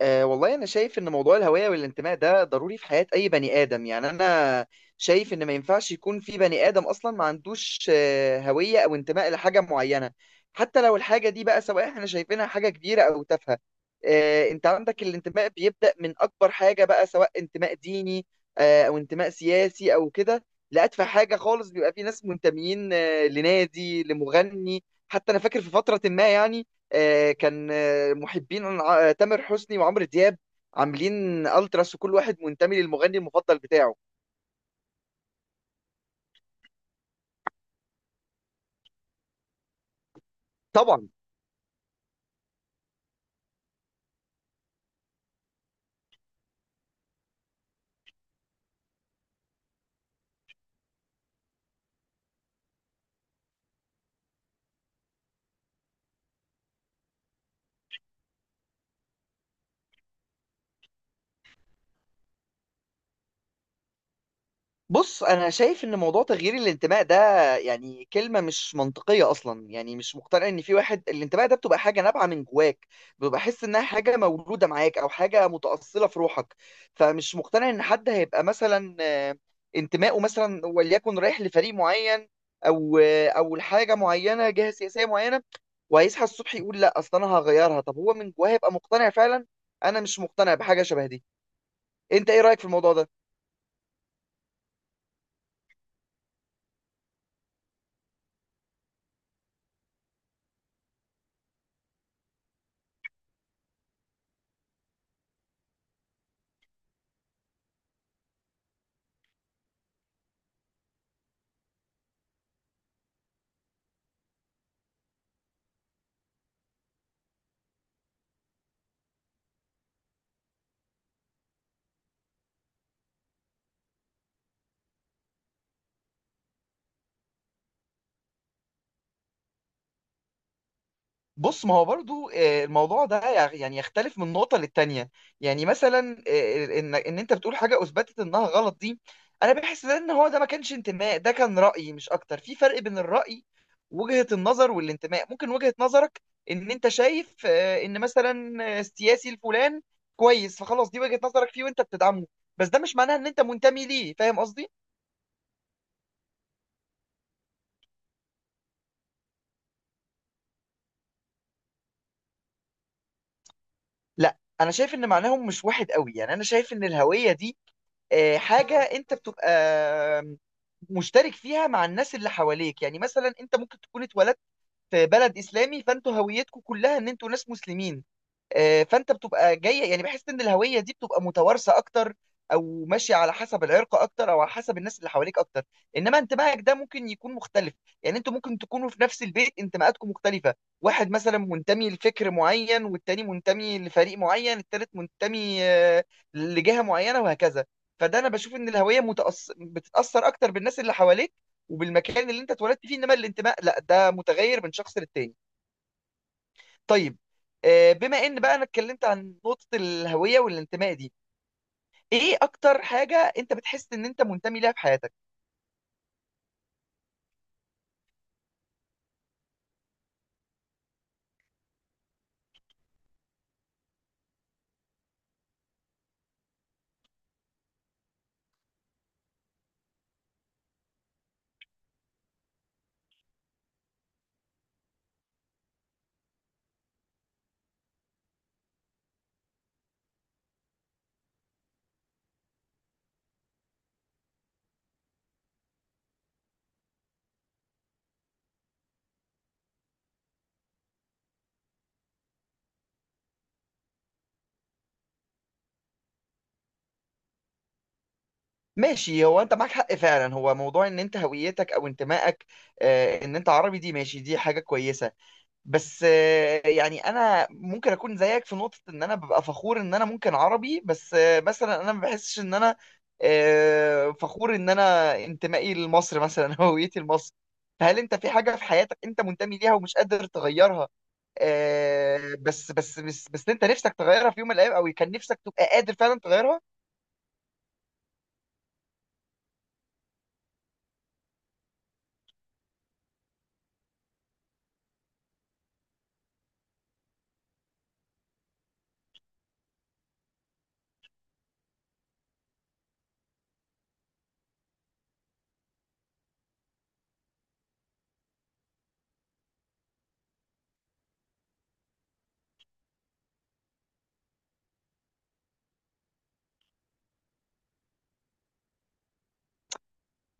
أه والله، أنا شايف إن موضوع الهوية والانتماء ده ضروري في حياة أي بني آدم. يعني أنا شايف إن ما ينفعش يكون في بني آدم أصلا ما عندوش هوية أو انتماء لحاجة معينة. حتى لو الحاجة دي بقى سواء إحنا شايفينها حاجة كبيرة أو تافهة. أنت عندك الانتماء بيبدأ من أكبر حاجة بقى، سواء انتماء ديني أو انتماء سياسي أو كده، لأتفه حاجة خالص. بيبقى في ناس منتميين لنادي، لمغني. حتى أنا فاكر في فترة ما، يعني كان محبين تامر حسني وعمرو دياب، عاملين التراس وكل واحد منتمي للمغني المفضل بتاعه. طبعا. بص، انا شايف ان موضوع تغيير الانتماء ده يعني كلمه مش منطقيه اصلا. يعني مش مقتنع ان في واحد الانتماء ده، بتبقى حاجه نابعه من جواك، بتبقى حس انها حاجه مولوده معاك او حاجه متاصله في روحك. فمش مقتنع ان حد هيبقى مثلا انتمائه مثلا وليكن رايح لفريق معين او او لحاجه معينه، جهه سياسيه معينه، وهيصحى الصبح يقول لا اصل انا هغيرها. طب هو من جواه هيبقى مقتنع فعلا؟ انا مش مقتنع بحاجه شبه دي. انت ايه رايك في الموضوع ده؟ بص، ما هو برضو الموضوع ده يعني يختلف من نقطة للتانية. يعني مثلا ان انت بتقول حاجة اثبتت انها غلط دي، انا بحس ده ان هو ده ما كانش انتماء، ده كان رأي مش اكتر. في فرق بين الرأي، وجهة النظر، والانتماء. ممكن وجهة نظرك ان انت شايف ان مثلا السياسي الفلان كويس، فخلاص دي وجهة نظرك فيه وانت بتدعمه، بس ده مش معناه ان انت منتمي ليه. فاهم قصدي؟ لا، انا شايف ان معناهم مش واحد قوي. يعني انا شايف ان الهوية دي حاجة انت بتبقى مشترك فيها مع الناس اللي حواليك. يعني مثلا انت ممكن تكون اتولدت في بلد اسلامي، فانتوا هويتكم كلها ان انتوا ناس مسلمين. فانت بتبقى جايه، يعني بحس ان الهويه دي بتبقى متوارثه اكتر، او ماشيه على حسب العرق اكتر، او على حسب الناس اللي حواليك اكتر. انما انتمائك ده ممكن يكون مختلف. يعني انتوا ممكن تكونوا في نفس البيت، انتماءاتكم مختلفه. واحد مثلا منتمي لفكر معين، والتاني منتمي لفريق معين، التالت منتمي لجهه معينه، وهكذا. فده انا بشوف ان الهويه بتتاثر اكتر بالناس اللي حواليك وبالمكان اللي انت اتولدت فيه، انما الانتماء لا، ده متغير من شخص للتاني. طيب. بما ان بقى انا اتكلمت عن نقطة الهوية والانتماء دي، ايه اكتر حاجة انت بتحس ان انت منتمي ليها في حياتك؟ ماشي، هو انت معاك حق فعلا. هو موضوع ان انت هويتك او انتمائك ان انت عربي، دي ماشي، دي حاجة كويسة. بس يعني انا ممكن اكون زيك في نقطة ان انا ببقى فخور ان انا ممكن عربي، بس مثلا انا ما بحسش ان انا فخور ان انا انتمائي لمصر مثلا، هويتي لمصر. فهل انت في حاجة في حياتك انت منتمي ليها ومش قادر تغيرها بس انت نفسك تغيرها في يوم من الايام، او كان نفسك تبقى قادر فعلا تغيرها؟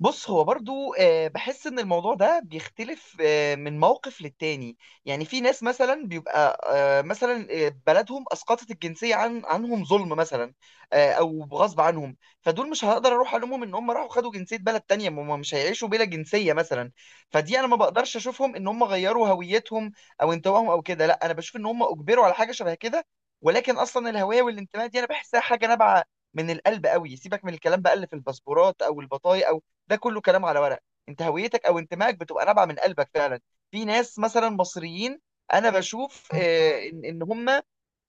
بص، هو برضو بحس ان الموضوع ده بيختلف من موقف للتاني. يعني في ناس مثلا بيبقى مثلا بلدهم اسقطت الجنسية عنهم ظلم مثلا، او غصب عنهم، فدول مش هقدر اروح الومهم ان هم راحوا خدوا جنسية بلد تانية. ما هم مش هيعيشوا بلا جنسية مثلا. فدي انا ما بقدرش اشوفهم ان هم غيروا هويتهم او انتمائهم او كده، لا، انا بشوف ان هم اجبروا على حاجة شبه كده. ولكن اصلا الهوية والانتماء دي انا بحسها حاجة نابعة من القلب قوي. سيبك من الكلام بقى اللي في الباسبورات او البطايق، ده كله كلام على ورق. انت هويتك او انتمائك بتبقى نابعه من قلبك فعلا. في ناس مثلا مصريين، انا بشوف ان هم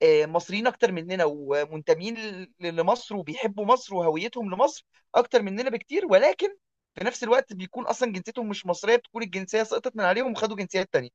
مصريين اكتر مننا، ومنتمين لمصر، وبيحبوا مصر، وهويتهم لمصر اكتر مننا بكتير، ولكن في نفس الوقت بيكون اصلا جنسيتهم مش مصريه، بتكون الجنسيه سقطت من عليهم وخدوا جنسيات تانية.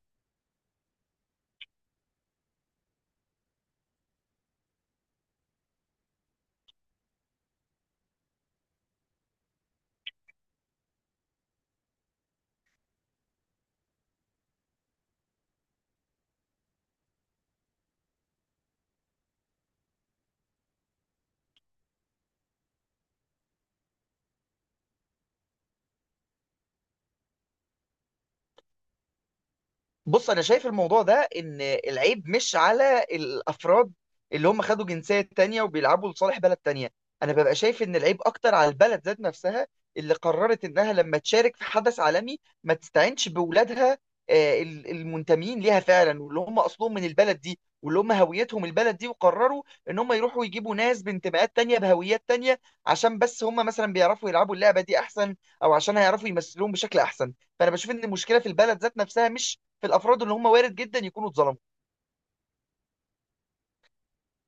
بص، انا شايف الموضوع ده ان العيب مش على الافراد اللي هم خدوا جنسية تانية وبيلعبوا لصالح بلد تانية. انا ببقى شايف ان العيب اكتر على البلد ذات نفسها، اللي قررت انها لما تشارك في حدث عالمي ما تستعينش بولادها المنتمين ليها فعلا، واللي هم اصلهم من البلد دي، واللي هم هويتهم البلد دي، وقرروا ان هم يروحوا يجيبوا ناس بانتماءات تانية بهويات تانية، عشان بس هم مثلا بيعرفوا يلعبوا اللعبة دي احسن، او عشان هيعرفوا يمثلوهم بشكل احسن. فانا بشوف ان المشكلة في البلد ذات نفسها، مش في الافراد اللي هم وارد جدا يكونوا اتظلموا.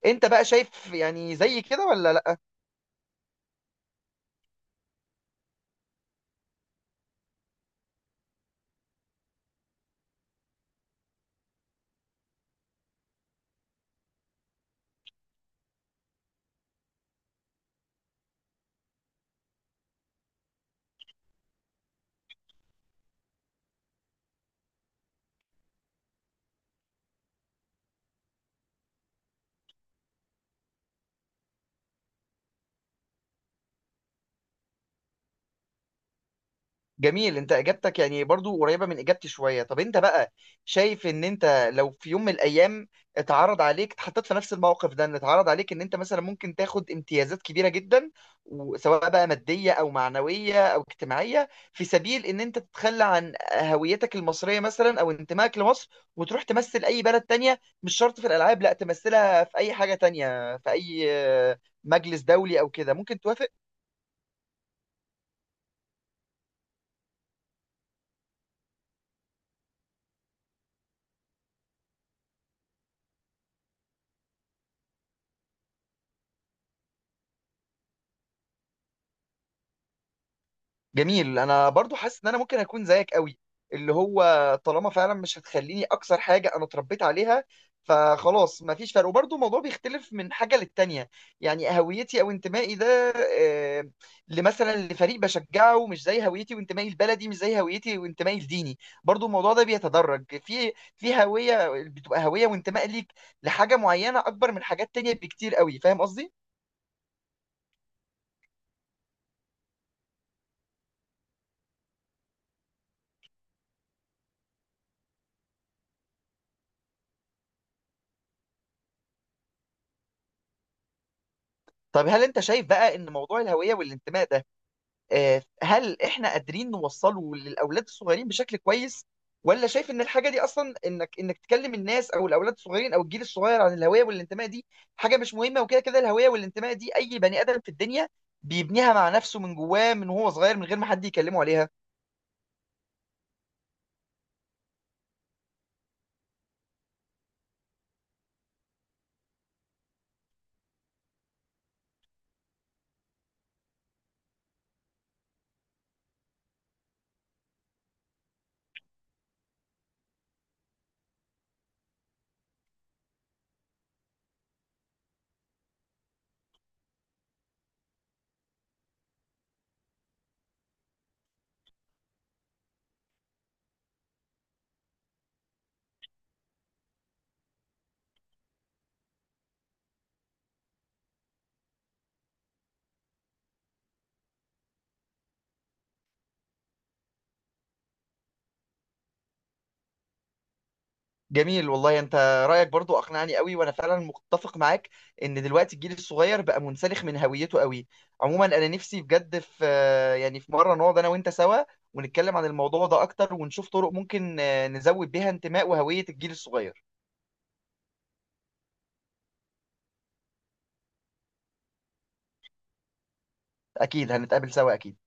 انت بقى شايف يعني زي كده ولا لا؟ جميل. انت اجابتك يعني برضو قريبة من اجابتي شوية. طب انت بقى شايف ان انت لو في يوم من الايام اتعرض عليك، اتحطيت في نفس الموقف ده، ان اتعرض عليك ان انت مثلا ممكن تاخد امتيازات كبيرة جدا، وسواء بقى مادية او معنوية او اجتماعية، في سبيل ان انت تتخلى عن هويتك المصرية مثلا، او انتمائك لمصر، وتروح تمثل اي بلد تانية، مش شرط في الالعاب، لا تمثلها في اي حاجة تانية، في اي مجلس دولي او كده، ممكن توافق؟ جميل. انا برضو حاسس ان انا ممكن اكون زيك قوي، اللي هو طالما فعلا مش هتخليني اكثر حاجه انا اتربيت عليها، فخلاص مفيش فرق. وبرضو الموضوع بيختلف من حاجه للتانيه. يعني هويتي او انتمائي ده آه، لمثلا لفريق بشجعه، مش زي هويتي وانتمائي البلدي، مش زي هويتي وانتمائي الديني. برضو الموضوع ده بيتدرج، في هويه بتبقى هويه وانتماء ليك لحاجه معينه اكبر من حاجات تانيه بكتير قوي. فاهم قصدي؟ طب هل انت شايف بقى ان موضوع الهويه والانتماء ده هل احنا قادرين نوصله للاولاد الصغيرين بشكل كويس، ولا شايف ان الحاجه دي اصلا انك تكلم الناس او الاولاد الصغيرين او الجيل الصغير عن الهويه والانتماء دي حاجه مش مهمه، وكده كده الهويه والانتماء دي اي بني ادم في الدنيا بيبنيها مع نفسه من جواه من وهو صغير، من غير ما حد يكلمه عليها؟ جميل والله. انت رايك برضو اقنعني قوي، وانا فعلا متفق معاك ان دلوقتي الجيل الصغير بقى منسلخ من هويته قوي. عموما انا نفسي بجد، في يعني في مره نقعد انا وانت سوا ونتكلم عن الموضوع ده اكتر، ونشوف طرق ممكن نزود بيها انتماء وهويه الجيل الصغير. اكيد هنتقابل سوا، اكيد.